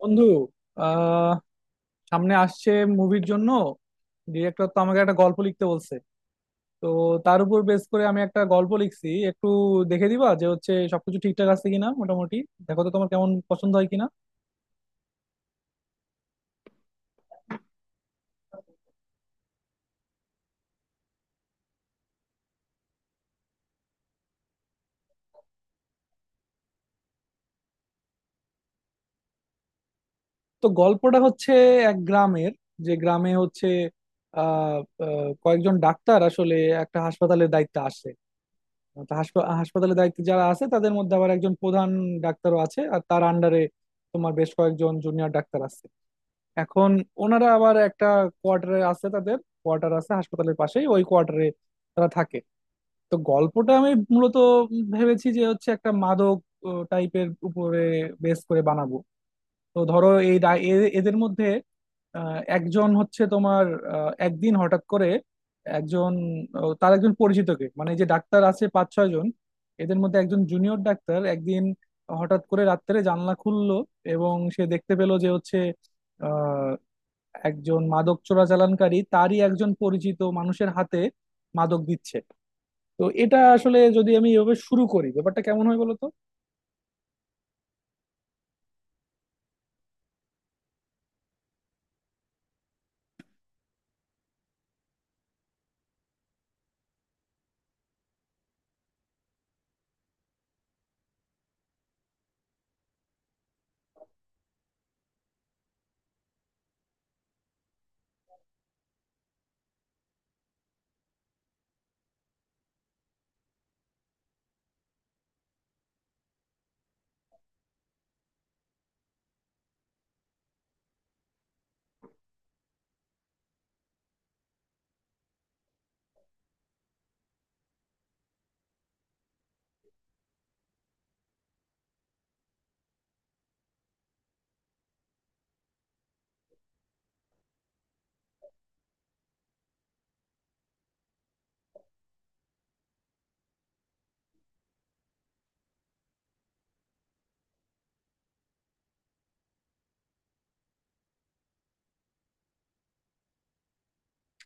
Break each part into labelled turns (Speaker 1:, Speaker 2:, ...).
Speaker 1: বন্ধু, আহ সামনে আসছে মুভির জন্য। ডিরেক্টর তো আমাকে একটা গল্প লিখতে বলছে, তো তার উপর বেস করে আমি একটা গল্প লিখছি। একটু দেখে দিবা যে হচ্ছে সবকিছু ঠিকঠাক আছে কিনা, মোটামুটি দেখো তো তোমার কেমন পছন্দ হয় কিনা। তো গল্পটা হচ্ছে এক গ্রামের, যে গ্রামে হচ্ছে আহ আহ, কয়েকজন ডাক্তার আসলে একটা হাসপাতালের দায়িত্বে আসে। তো হাসপাতালের দায়িত্বে যারা আছে তাদের মধ্যে আবার একজন প্রধান ডাক্তারও আছে, আর তার আন্ডারে তোমার বেশ কয়েকজন জুনিয়র ডাক্তার আছে। এখন ওনারা আবার একটা কোয়ার্টারে আছে, তাদের কোয়ার্টার আছে হাসপাতালের পাশেই, ওই কোয়ার্টারে তারা থাকে। তো গল্পটা আমি মূলত ভেবেছি যে হচ্ছে একটা মাদক টাইপের উপরে বেস করে বানাবো। তো ধরো এই এদের মধ্যে একজন হচ্ছে তোমার, একদিন হঠাৎ করে একজন, তার একজন পরিচিতকে, মানে যে ডাক্তার আছে পাঁচ ছয় জন এদের মধ্যে একজন জুনিয়র ডাক্তার একদিন হঠাৎ করে রাত্রে জানলা খুললো, এবং সে দেখতে পেলো যে হচ্ছে একজন মাদক চোরাচালানকারী তারই একজন পরিচিত মানুষের হাতে মাদক দিচ্ছে। তো এটা আসলে যদি আমি এভাবে শুরু করি ব্যাপারটা কেমন হয় বলতো?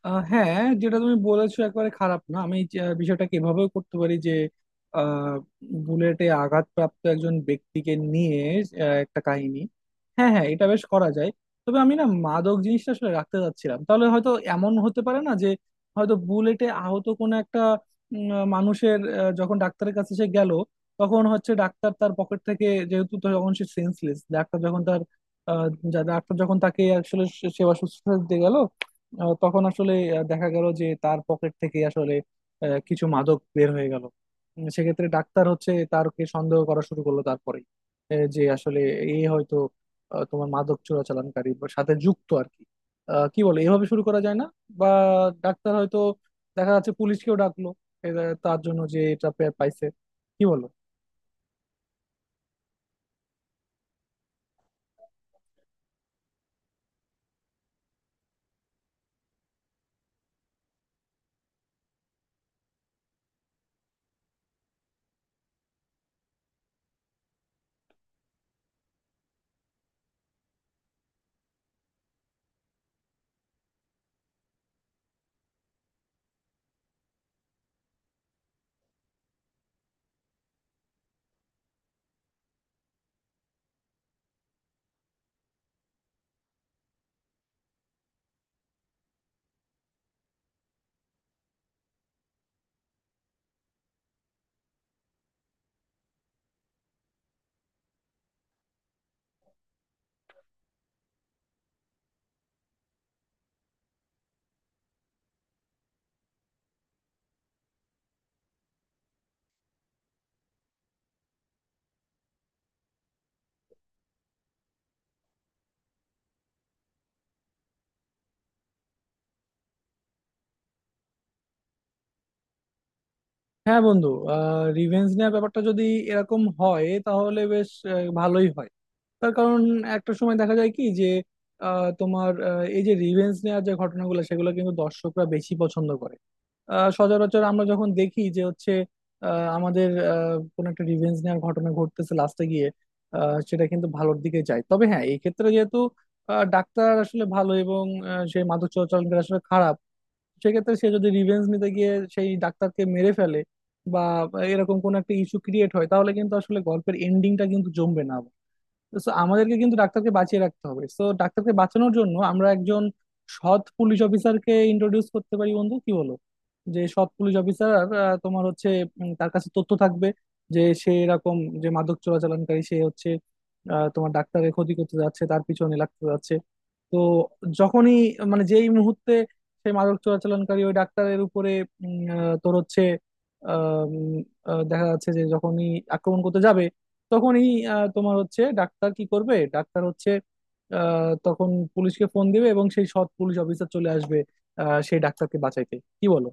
Speaker 1: হ্যাঁ, যেটা তুমি বলেছো একেবারে খারাপ না। আমি বিষয়টাকে এভাবেও করতে পারি যে আহ, বুলেটে আঘাতপ্রাপ্ত একজন ব্যক্তিকে নিয়ে একটা কাহিনী। হ্যাঁ হ্যাঁ, এটা বেশ করা যায়। তবে আমি না, মাদক জিনিসটা আসলে রাখতে চাচ্ছিলাম, তাহলে হয়তো এমন হতে পারে না যে হয়তো বুলেটে আহত কোনো একটা মানুষের, যখন ডাক্তারের কাছে সে গেল, তখন হচ্ছে ডাক্তার তার পকেট থেকে, যেহেতু তখন সে সেন্সলেস, ডাক্তার যখন তার আহ, ডাক্তার যখন তাকে আসলে সেবা শুশ্রূষা দিতে গেল, তখন আসলে দেখা গেল যে তার পকেট থেকে আসলে কিছু মাদক বের হয়ে গেল। সেক্ষেত্রে ডাক্তার হচ্ছে তারকে সন্দেহ করা শুরু করলো, তারপরে যে আসলে এ হয়তো তোমার মাদক চোরাচালানকারী বা সাথে যুক্ত আর কি, কি বলে এভাবে শুরু করা যায় না? বা ডাক্তার হয়তো, দেখা যাচ্ছে পুলিশকেও ডাকলো এরা তার জন্য, যে এটা পাইছে, কি বলো? হ্যাঁ বন্ধু, রিভেঞ্জ নেওয়ার ব্যাপারটা যদি এরকম হয় তাহলে বেশ ভালোই হয়। তার কারণ, একটা সময় দেখা যায় কি যে এই যে রিভেঞ্জ নেওয়ার যে ঘটনাগুলো, সেগুলো কিন্তু দর্শকরা বেশি পছন্দ করে। সচরাচর আমরা যখন দেখি যে হচ্ছে আহ, আমাদের কোন একটা রিভেঞ্জ নেওয়ার ঘটনা ঘটতেছে লাস্টে গিয়ে, সেটা কিন্তু ভালোর দিকে যায়। তবে হ্যাঁ, এই ক্ষেত্রে যেহেতু ডাক্তার আসলে ভালো এবং সেই মাদক চোরাচালানকারী আসলে খারাপ, সেক্ষেত্রে সে যদি রিভেঞ্জ নিতে গিয়ে সেই ডাক্তারকে মেরে ফেলে বা এরকম কোন একটা ইস্যু ক্রিয়েট হয়, তাহলে কিন্তু আসলে গল্পের এন্ডিংটা কিন্তু জমবে না। তো আমাদেরকে কিন্তু ডাক্তারকে বাঁচিয়ে রাখতে হবে। তো ডাক্তারকে বাঁচানোর জন্য আমরা একজন সৎ পুলিশ অফিসারকে ইন্ট্রোডিউস করতে পারি বন্ধু, কি বলো? যে সৎ পুলিশ অফিসার তোমার হচ্ছে, তার কাছে তথ্য থাকবে যে সে এরকম, যে মাদক চোরাচালানকারী সে হচ্ছে তোমার ডাক্তারের ক্ষতি করতে যাচ্ছে, তার পিছনে লাগতে যাচ্ছে। তো যখনই, মানে যেই মুহূর্তে সেই মাদক চোরাচালানকারী ওই ডাক্তারের উপরে তোর হচ্ছে, আহ, উম, দেখা যাচ্ছে যে যখনই আক্রমণ করতে যাবে, তখনই তোমার হচ্ছে ডাক্তার কি করবে, ডাক্তার হচ্ছে তখন পুলিশকে ফোন দিবে এবং সেই সৎ পুলিশ অফিসার চলে আসবে সেই ডাক্তারকে বাঁচাইতে, কি বলো?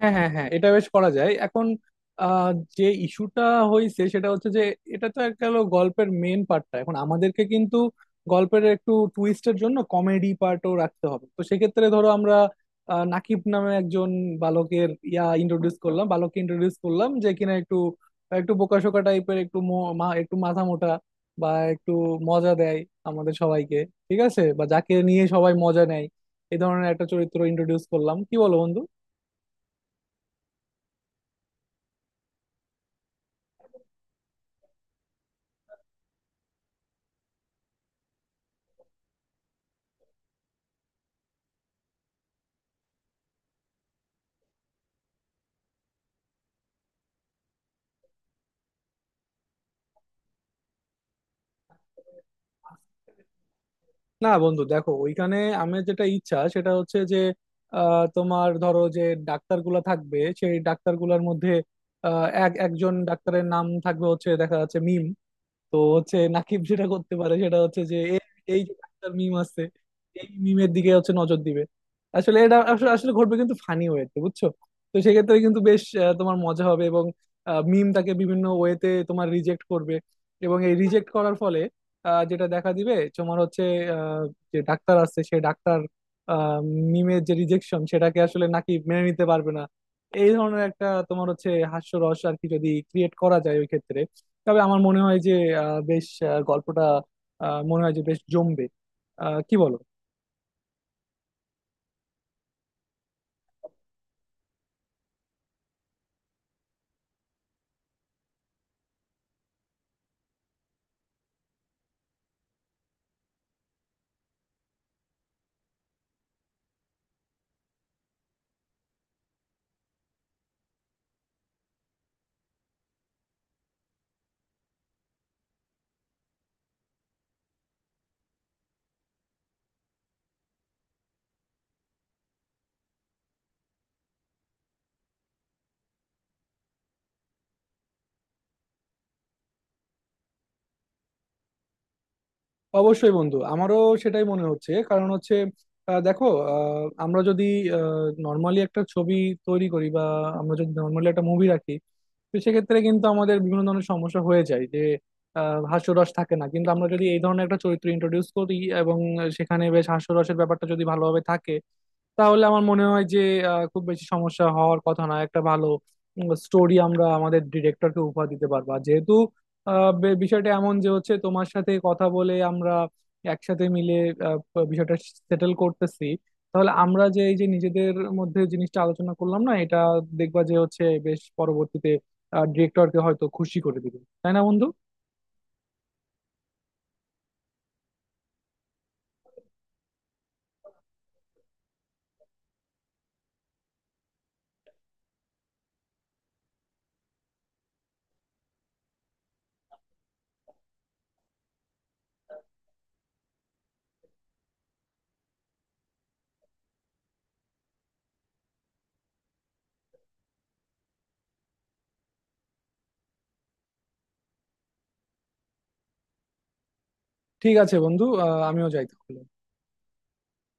Speaker 1: হ্যাঁ হ্যাঁ হ্যাঁ, এটা বেশ করা যায়। এখন আহ, যে ইস্যুটা হয়েছে সেটা হচ্ছে যে, এটা তো একটা হলো গল্পের মেন পার্টটা, এখন আমাদেরকে কিন্তু গল্পের একটু টুইস্টের জন্য কমেডি পার্টও রাখতে হবে। তো সেক্ষেত্রে ধরো আমরা নাকিব নামে একজন বালকের ইয়া ইন্ট্রোডিউস করলাম, বালককে ইন্ট্রোডিউস করলাম, যে কিনা একটু একটু বোকাশোকা টাইপের, একটু একটু মাথা মোটা, বা একটু মজা দেয় আমাদের সবাইকে, ঠিক আছে? বা যাকে নিয়ে সবাই মজা নেয়। এই ধরনের একটা চরিত্র ইন্ট্রোডিউস করলাম, কি বলো বন্ধু? না বন্ধু, দেখো, ওইখানে আমার যেটা ইচ্ছা সেটা হচ্ছে যে তোমার ধরো যে ডাক্তারগুলা থাকবে, সেই ডাক্তারগুলার মধ্যে এক একজন ডাক্তারের নাম থাকবে হচ্ছে দেখা যাচ্ছে মিম। তো হচ্ছে নাকিব যেটা করতে পারে সেটা হচ্ছে যে এই যে ডাক্তার মিম আছে, এই মিমের দিকে হচ্ছে নজর দিবে। আসলে এটা আসলে আসলে ঘটবে কিন্তু ফানি ওয়েতে, বুঝছো? তো সেক্ষেত্রে কিন্তু বেশ তোমার মজা হবে, এবং মিম তাকে বিভিন্ন ওয়েতে তোমার রিজেক্ট করবে। এবং এই রিজেক্ট করার ফলে যেটা দেখা দিবে তোমার হচ্ছে আহ, যে ডাক্তার আছে সে ডাক্তার আহ, মিমের যে রিজেকশন সেটাকে আসলে নাকি মেনে নিতে পারবে না। এই ধরনের একটা তোমার হচ্ছে হাস্যরস আর কি যদি ক্রিয়েট করা যায় ওই ক্ষেত্রে, তবে আমার মনে হয় যে বেশ গল্পটা মনে হয় যে বেশ জমবে। কি বলো? অবশ্যই বন্ধু, আমারও সেটাই মনে হচ্ছে। কারণ হচ্ছে দেখো, আমরা যদি নর্মালি একটা ছবি তৈরি করি, বা আমরা যদি নর্মালি একটা মুভি রাখি, তো সেক্ষেত্রে কিন্তু আমাদের বিভিন্ন ধরনের সমস্যা হয়ে যায় যে হাস্যরস থাকে না। কিন্তু আমরা যদি এই ধরনের একটা চরিত্র ইন্ট্রোডিউস করি, এবং সেখানে বেশ হাস্যরসের ব্যাপারটা যদি ভালোভাবে থাকে, তাহলে আমার মনে হয় যে খুব বেশি সমস্যা হওয়ার কথা না। একটা ভালো স্টোরি আমরা আমাদের ডিরেক্টরকে উপহার দিতে পারবা, যেহেতু বিষয়টা এমন যে হচ্ছে তোমার সাথে কথা বলে আমরা একসাথে মিলে বিষয়টা সেটেল করতেছি। তাহলে আমরা যে এই যে নিজেদের মধ্যে জিনিসটা আলোচনা করলাম না, এটা দেখবা যে হচ্ছে বেশ পরবর্তীতে ডিরেক্টরকে হয়তো খুশি করে দিবে, তাই না বন্ধু? ঠিক আছে বন্ধু, আমিও যাই তাহলে।